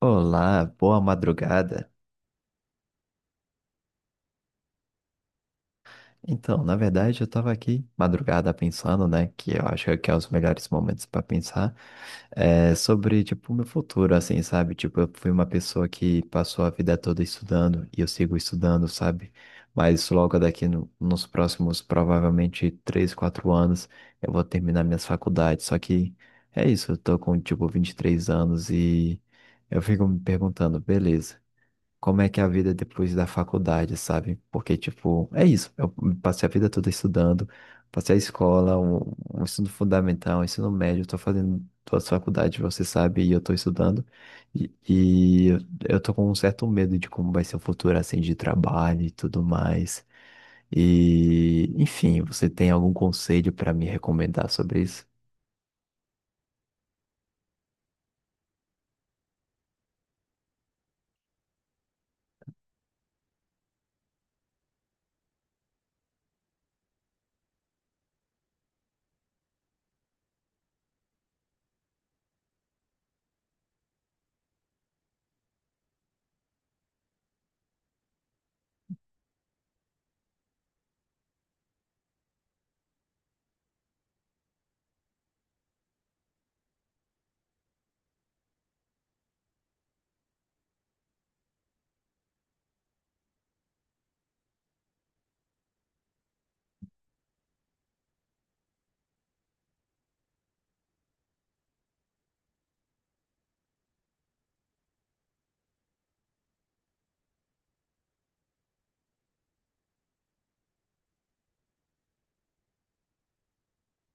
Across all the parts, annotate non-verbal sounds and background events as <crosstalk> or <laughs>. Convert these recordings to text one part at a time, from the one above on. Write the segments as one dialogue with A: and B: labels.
A: Olá, boa madrugada. Então, na verdade, eu tava aqui madrugada pensando, né, que eu acho que é os melhores momentos para pensar, é, sobre, tipo, o meu futuro, assim, sabe? Tipo, eu fui uma pessoa que passou a vida toda estudando e eu sigo estudando, sabe? Mas logo daqui nos próximos, provavelmente, 3, 4 anos, eu vou terminar minhas faculdades. Só que é isso, eu tô com, tipo, 23 anos e eu fico me perguntando, beleza, como é que é a vida depois da faculdade, sabe? Porque, tipo, é isso. Eu passei a vida toda estudando, passei a escola, um ensino fundamental, um ensino médio, estou fazendo todas as faculdades, você sabe, e eu estou estudando. E eu tô com um certo medo de como vai ser o futuro, assim, de trabalho e tudo mais. E, enfim, você tem algum conselho para me recomendar sobre isso?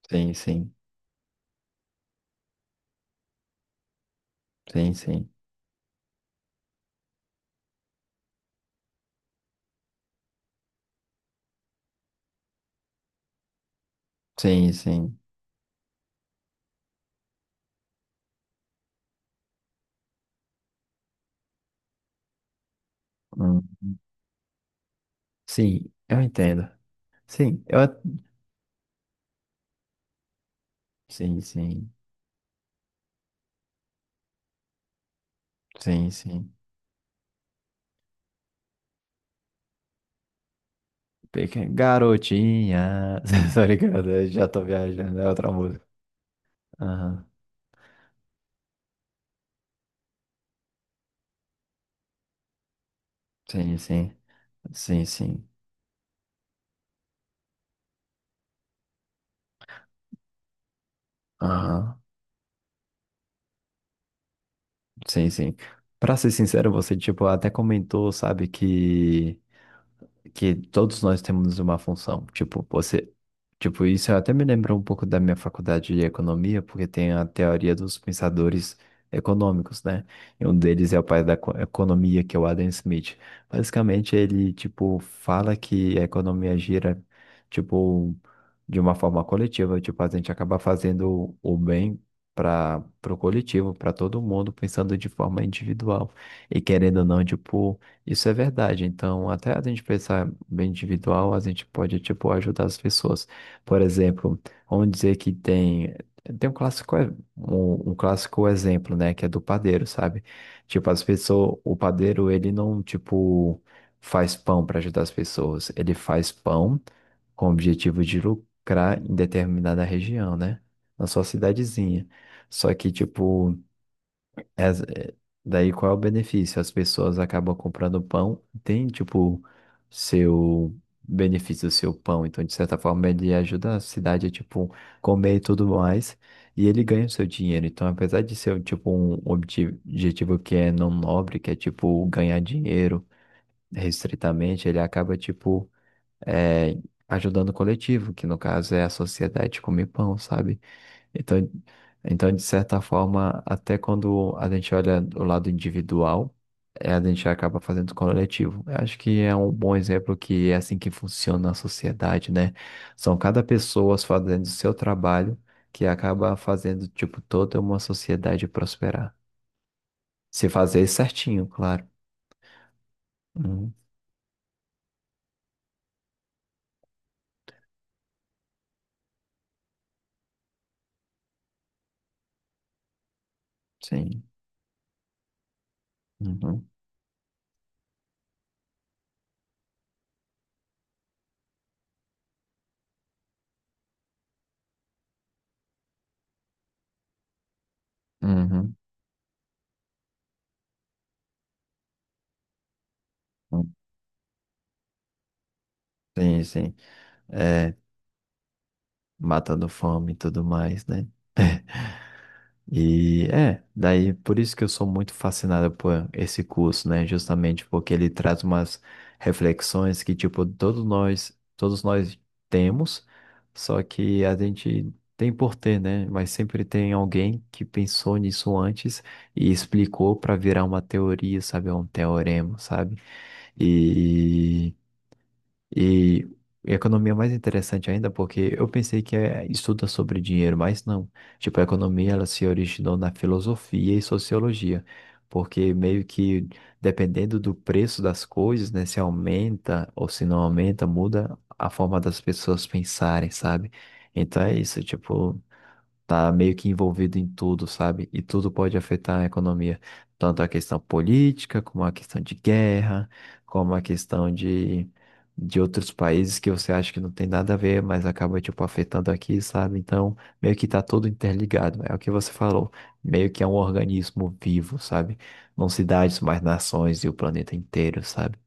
A: Sim, sim, sim, sim, sim, sim. Hum, sim, eu entendo. Sim, eu, sim, sim, sim, sim. Peque- Garotinha. <laughs> Tá ligado? Eu já tô viajando, é outra música. Aham. Sim, sim. Sim, sim. Aham. Sim, sim. Pra ser sincero, você, tipo, até comentou, sabe, que todos nós temos uma função. Tipo, você. Tipo, isso até me lembrou um pouco da minha faculdade de economia, porque tem a teoria dos pensadores econômicos, né? E um deles é o pai da economia, que é o Adam Smith. Basicamente, ele, tipo, fala que a economia gira, tipo, de uma forma coletiva. Tipo, a gente acaba fazendo o bem para o coletivo, para todo mundo, pensando de forma individual. E querendo ou não, tipo, isso é verdade. Então, até a gente pensar bem individual, a gente pode, tipo, ajudar as pessoas. Por exemplo, vamos dizer que tem, tem um clássico, um clássico exemplo, né, que é do padeiro, sabe? Tipo, as pessoas, o padeiro, ele não, tipo, faz pão para ajudar as pessoas. Ele faz pão com o objetivo de lucrar em determinada região, né? Na sua cidadezinha. Só que, tipo, as- é, daí qual é o benefício? As pessoas acabam comprando pão, tem tipo seu benefício, seu pão, então de certa forma ele ajuda a cidade a tipo comer e tudo mais, e ele ganha o seu dinheiro. Então, apesar de ser um, tipo um objetivo que é não nobre, que é tipo ganhar dinheiro restritamente, ele acaba tipo, é, ajudando o coletivo, que no caso é a sociedade comer pão, sabe? Então, então, de certa forma, até quando a gente olha o lado individual, é, a gente acaba fazendo coletivo. Eu acho que é um bom exemplo que é assim que funciona a sociedade, né? São cada pessoa fazendo o seu trabalho que acaba fazendo, tipo, toda uma sociedade prosperar. Se fazer certinho, claro. Uhum, sim. Uhum, uhum, uhum. Sim, sim. É, matando fome e tudo mais, né? E é, daí por isso que eu sou muito fascinado por esse curso, né? Justamente porque ele traz umas reflexões que, tipo, todos nós temos, só que a gente tem por ter, né? Mas sempre tem alguém que pensou nisso antes e explicou para virar uma teoria, sabe? Um teorema, sabe? E e economia é mais interessante ainda porque eu pensei que é, estuda sobre dinheiro, mas não. Tipo, a economia ela se originou na filosofia e sociologia, porque meio que dependendo do preço das coisas, né, se aumenta ou se não aumenta, muda a forma das pessoas pensarem, sabe? Então é isso, tipo, tá meio que envolvido em tudo, sabe? E tudo pode afetar a economia, tanto a questão política, como a questão de guerra, como a questão de outros países que você acha que não tem nada a ver, mas acaba, tipo, afetando aqui, sabe? Então, meio que tá tudo interligado, né? É o que você falou, meio que é um organismo vivo, sabe? Não cidades, mas nações e o planeta inteiro, sabe?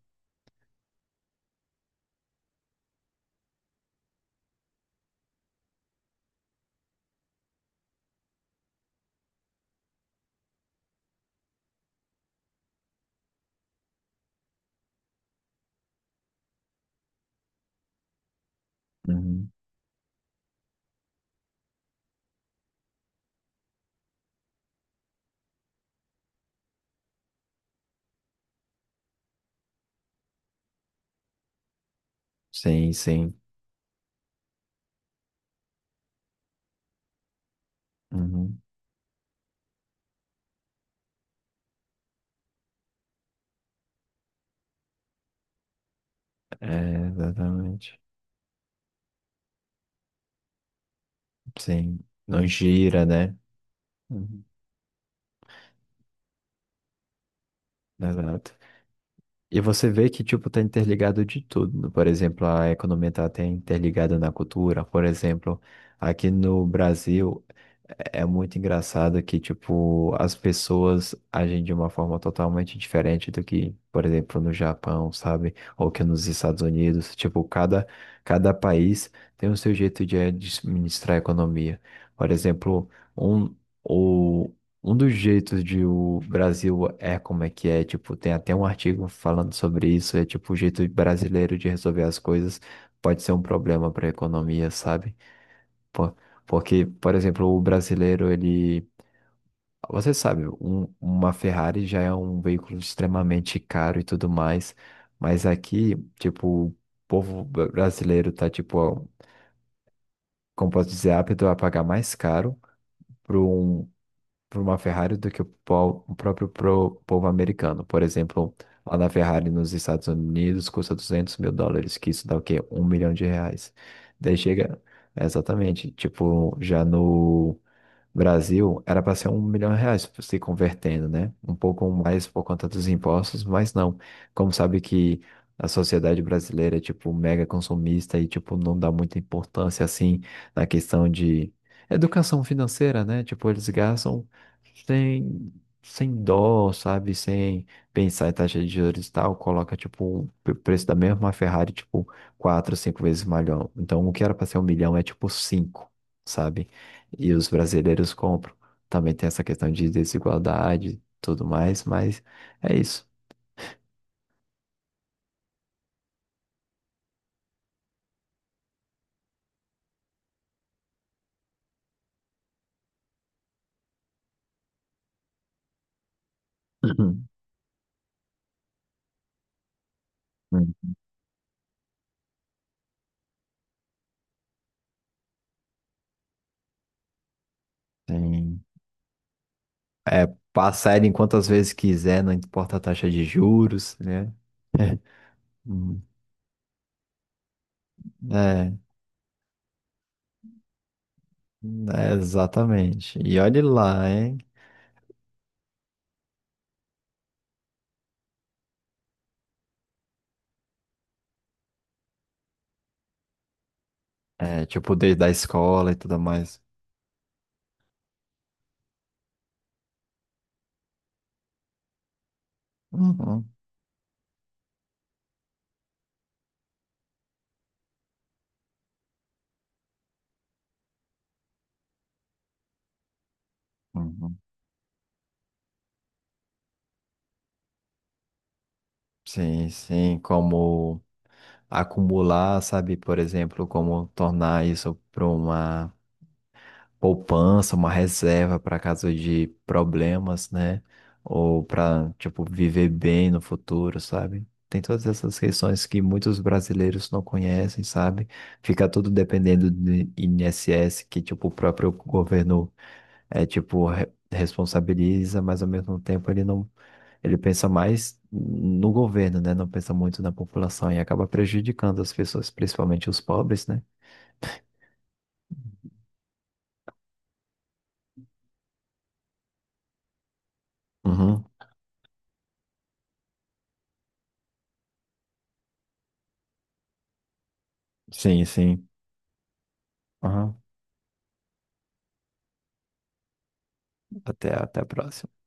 A: Uhum. Sim, sim. Uhum. É, exatamente. Sim. Não gira, né? Uhum. Exato. E você vê que, tipo, tá interligado de tudo, né? Por exemplo, a economia tá até interligada na cultura. Por exemplo, aqui no Brasil, é é muito engraçado que, tipo, as pessoas agem de uma forma totalmente diferente do que, por exemplo, no Japão, sabe? Ou que nos Estados Unidos. Tipo, cada, cada país tem o seu jeito de administrar a economia. Por exemplo, um, o, um dos jeitos de o Brasil é como é que é, tipo, tem até um artigo falando sobre isso, é tipo, o jeito brasileiro de resolver as coisas pode ser um problema para a economia, sabe? Pô, porque, por exemplo, o brasileiro, ele, você sabe, uma Ferrari já é um veículo extremamente caro e tudo mais, mas aqui, tipo, o povo brasileiro tá, tipo, como posso dizer, apto a pagar mais caro por um, por uma Ferrari do que o próprio povo americano. Por exemplo, lá na Ferrari nos Estados Unidos custa US$ 200 mil, que isso dá o quê? R$ 1 milhão. Daí chega. Exatamente. Tipo, já no Brasil era para ser R$ 1 milhão se convertendo, né? Um pouco mais por conta dos impostos, mas não. Como sabe que a sociedade brasileira é tipo mega consumista e tipo não dá muita importância assim na questão de educação financeira, né? Tipo eles gastam sem sem dó, sabe? Sem pensar em taxa de juros e tal, coloca tipo o preço da mesma Ferrari tipo 4, 5 vezes maior. Então o que era para ser 1 milhão é tipo cinco, sabe? E os brasileiros compram. Também tem essa questão de desigualdade e tudo mais, mas é isso. Uhum. Hum, tem... É, passar ele em quantas vezes quiser, não importa a taxa de juros, né? <laughs> Hum, é, é, exatamente. E olhe lá, hein? É, tipo, desde a escola e tudo mais. Uhum, uhum. Sim, sim, como acumular, sabe? Por exemplo, como tornar isso para uma poupança, uma reserva para caso de problemas, né? Ou para, tipo, viver bem no futuro, sabe? Tem todas essas questões que muitos brasileiros não conhecem, sabe? Fica tudo dependendo do INSS, que, tipo, o próprio governo é, tipo, responsabiliza, mas ao mesmo tempo ele não, ele pensa mais no governo, né? Não pensa muito na população e acaba prejudicando as pessoas, principalmente os pobres, né? Uhum. Sim, sim. Uhum. Até a próxima.